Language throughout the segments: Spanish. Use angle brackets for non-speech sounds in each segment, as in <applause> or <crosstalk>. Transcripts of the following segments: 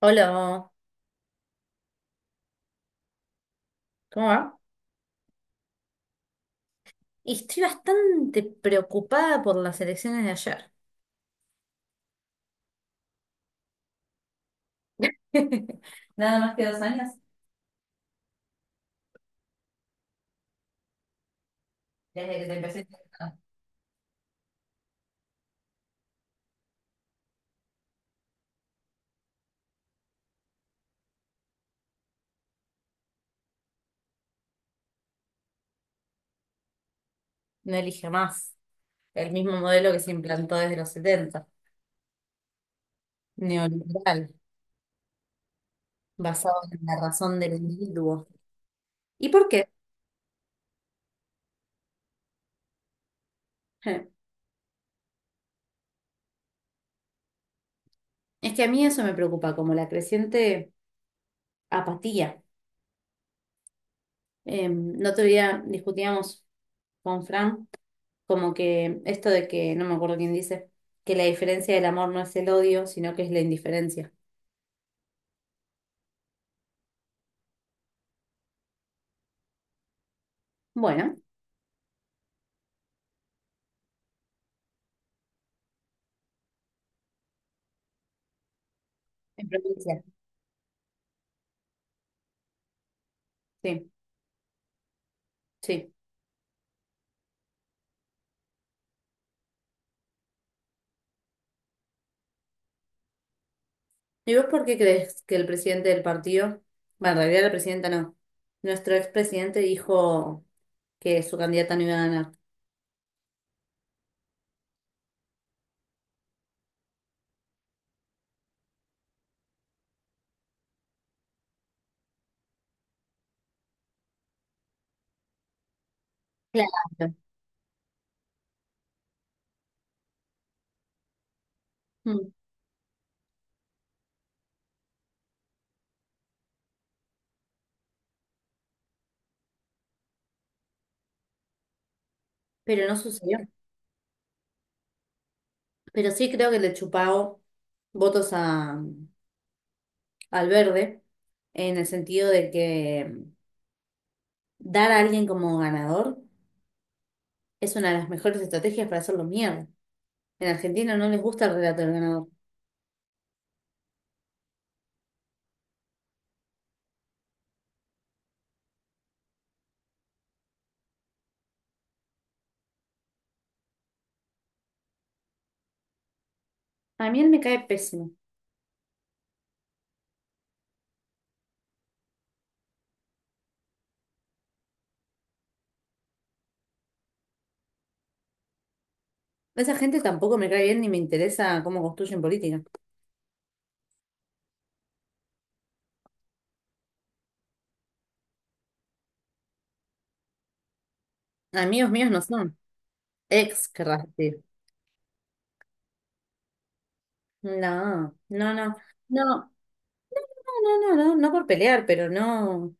Hola, ¿cómo va? Y estoy bastante preocupada por las elecciones de ayer. <laughs> Nada más que dos años desde que te empecé a interesar. No elige más. El mismo modelo que se implantó desde los setenta, neoliberal, basado en la razón del individuo. ¿Y por qué? <laughs> Eh, Es que a mí eso me preocupa, como la creciente apatía. No otro día discutíamos con Fran como que esto de que, no me acuerdo quién dice, que la diferencia del amor no es el odio, sino que es la indiferencia. Bueno, en provincia. Sí, sí. ¿Y vos por qué crees que el presidente del partido, bueno, en realidad la presidenta no, nuestro expresidente dijo que su candidata no iba a ganar? Claro. Mm. Pero no sucedió. Pero sí creo que le chupao votos a, al verde, en el sentido de que dar a alguien como ganador. Es una de las mejores estrategias para hacerlo mierda. En Argentina no les gusta el relato del ganador. A mí él me cae pésimo. Esa gente tampoco me cae bien ni me interesa cómo construyen política. Amigos míos no son. Ex, querrás decir. No, no, no. No, no, no, no, no, no por pelear, pero no,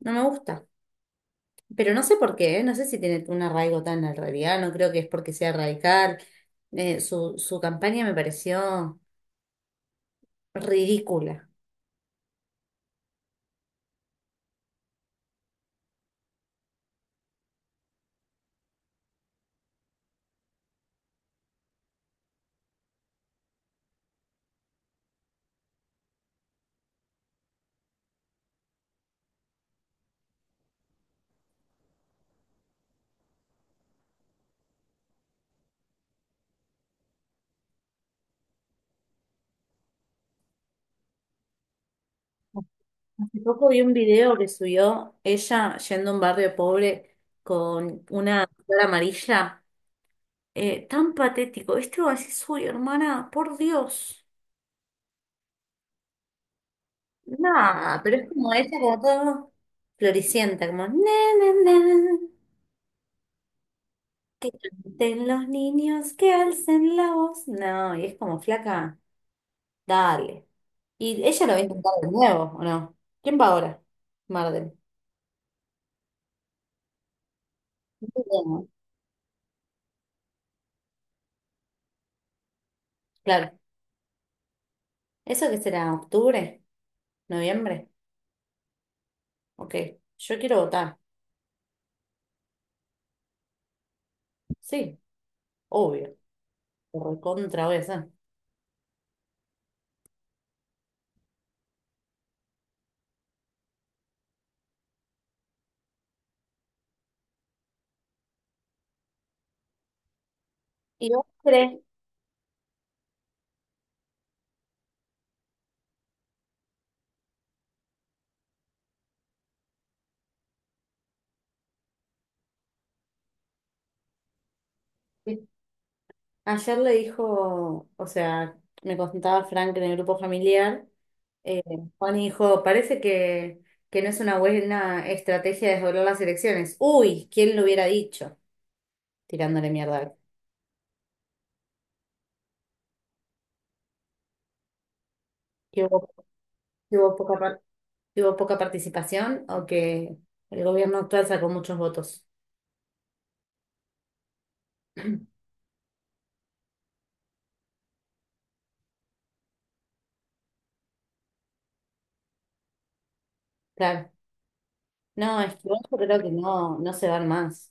no me gusta. Pero no sé por qué, ¿eh? No sé si tiene un arraigo tan al no creo que es porque sea radical. Su campaña me pareció ridícula. Hace poco vi un video que subió ella yendo a un barrio pobre con una flor amarilla. Tan patético. Este va a decir, uy, hermana, por Dios. Nada, pero es como ella, como todo floricienta, como, "Na, na, na, de los niños que alcen la voz. No, y es como flaca, dale. Y ella lo va a intentar de nuevo, ¿o no? ¿Quién va ahora? Marden. Claro. ¿Eso que será? ¿Octubre? ¿Noviembre? Ok, yo quiero votar. Sí, obvio. Lo recontra voy a hacer. ¿Y vos crees? Que ayer le dijo, o sea, me contaba Frank en el grupo familiar, eh, Juan dijo, parece que, no es una buena estrategia desdoblar las elecciones. Uy, ¿quién lo hubiera dicho? Tirándole mierda. ¿Que hubo, que hubo poca, par- que hubo poca participación o que el gobierno actual sacó muchos votos? <clears throat> Claro. No, es que yo creo que no, no se van más.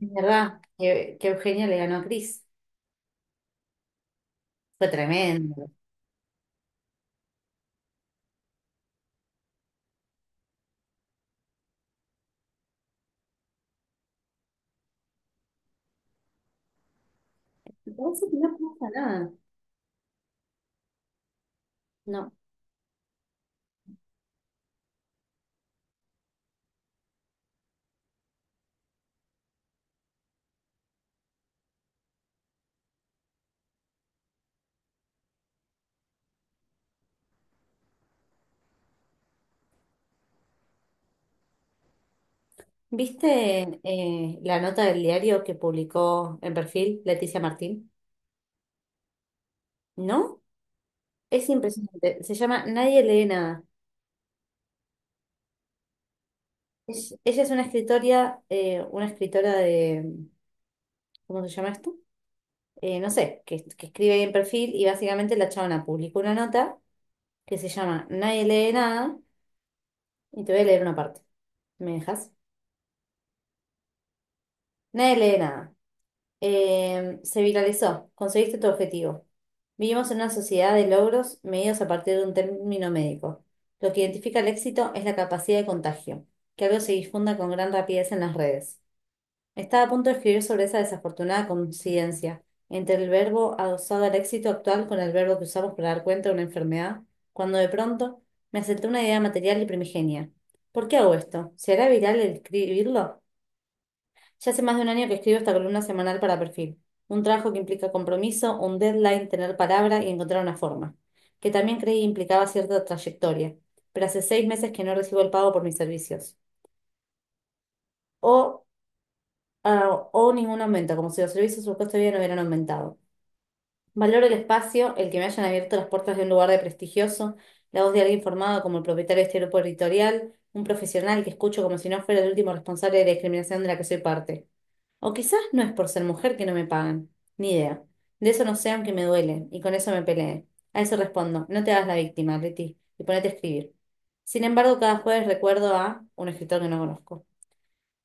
Es verdad que, Eugenia le ganó a Cris. Fue tremendo. Me parece que no pasa nada. No. ¿Viste la nota del diario que publicó en perfil Leticia Martín? ¿No? Es impresionante. Se llama Nadie lee nada. Ella es una escritora de, ¿cómo se llama esto? No sé, que escribe ahí en perfil y básicamente la chabona publicó una nota que se llama Nadie lee nada y te voy a leer una parte. ¿Me dejas? Nadie lee nada. Se viralizó. Conseguiste tu objetivo. Vivimos en una sociedad de logros medidos a partir de un término médico. Lo que identifica el éxito es la capacidad de contagio, que algo se difunda con gran rapidez en las redes. Estaba a punto de escribir sobre esa desafortunada coincidencia entre el verbo adosado al éxito actual con el verbo que usamos para dar cuenta de una enfermedad, cuando de pronto me asaltó una idea material y primigenia. ¿Por qué hago esto? ¿Será viral el escribirlo? Ya hace más de un año que escribo esta columna semanal para Perfil. Un trabajo que implica compromiso, un deadline, tener palabra y encontrar una forma, que también creí implicaba cierta trayectoria, pero hace seis meses que no recibo el pago por mis servicios. O, o ningún aumento, como si los servicios o el costo de vida no hubieran aumentado. Valoro el espacio, el que me hayan abierto las puertas de un lugar de prestigioso, la voz de alguien formado como el propietario de este grupo editorial, un profesional que escucho como si no fuera el último responsable de la discriminación de la que soy parte. O quizás no es por ser mujer que no me pagan. Ni idea. De eso no sé, aunque me duele, y con eso me peleé. A eso respondo, no te hagas la víctima, Leti, y ponete a escribir. Sin embargo, cada jueves recuerdo a un escritor que no conozco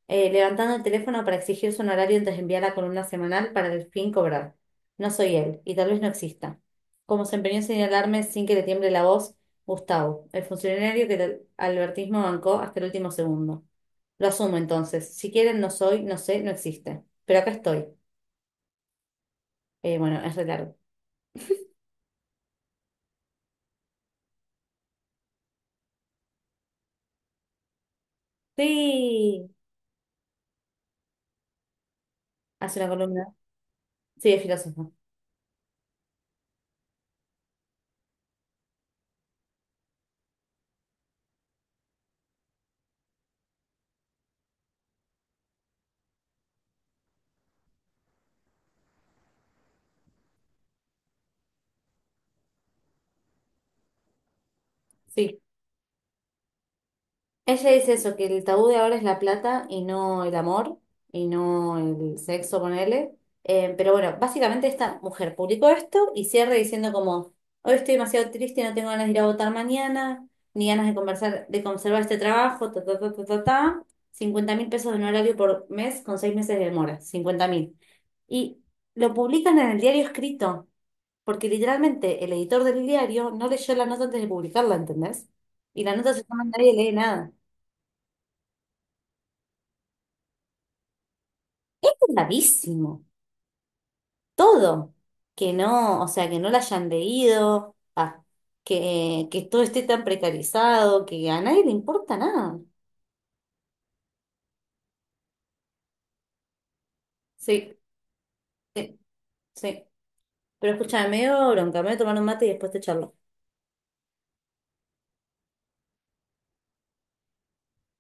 levantando el teléfono para exigirse un horario antes de enviar la columna semanal para el fin cobrar. No soy él, y tal vez no exista. Como se empeñó en señalarme sin que le tiemble la voz, Gustavo, el funcionario que el albertismo bancó hasta el último segundo. Lo asumo entonces. Si quieren, no soy, no sé, no existe. Pero acá estoy. Bueno, es re largo. Sí, hace una columna. Sí, es filósofo. Sí. Ella dice eso, que el tabú de ahora es la plata y no el amor y no el sexo, ponele. Pero bueno, básicamente esta mujer publicó esto y cierra diciendo como, hoy estoy demasiado triste, no tengo ganas de ir a votar mañana, ni ganas de conversar, de conservar este trabajo, ta, ta, ta, ta, ta, ta. 50 mil pesos de honorario por mes con seis meses de demora, 50 mil. Y lo publican en el diario escrito, porque literalmente el editor del diario no leyó la nota antes de publicarla, ¿entendés? Y la nota se llama Nadie lee nada. Gravísimo, todo, que no, o sea, que no la hayan leído, ah, que todo esté tan precarizado, que a nadie le importa nada. Sí, sí, sí. Pero escúchame, medio bronca, me voy a tomar un mate y después te charlo.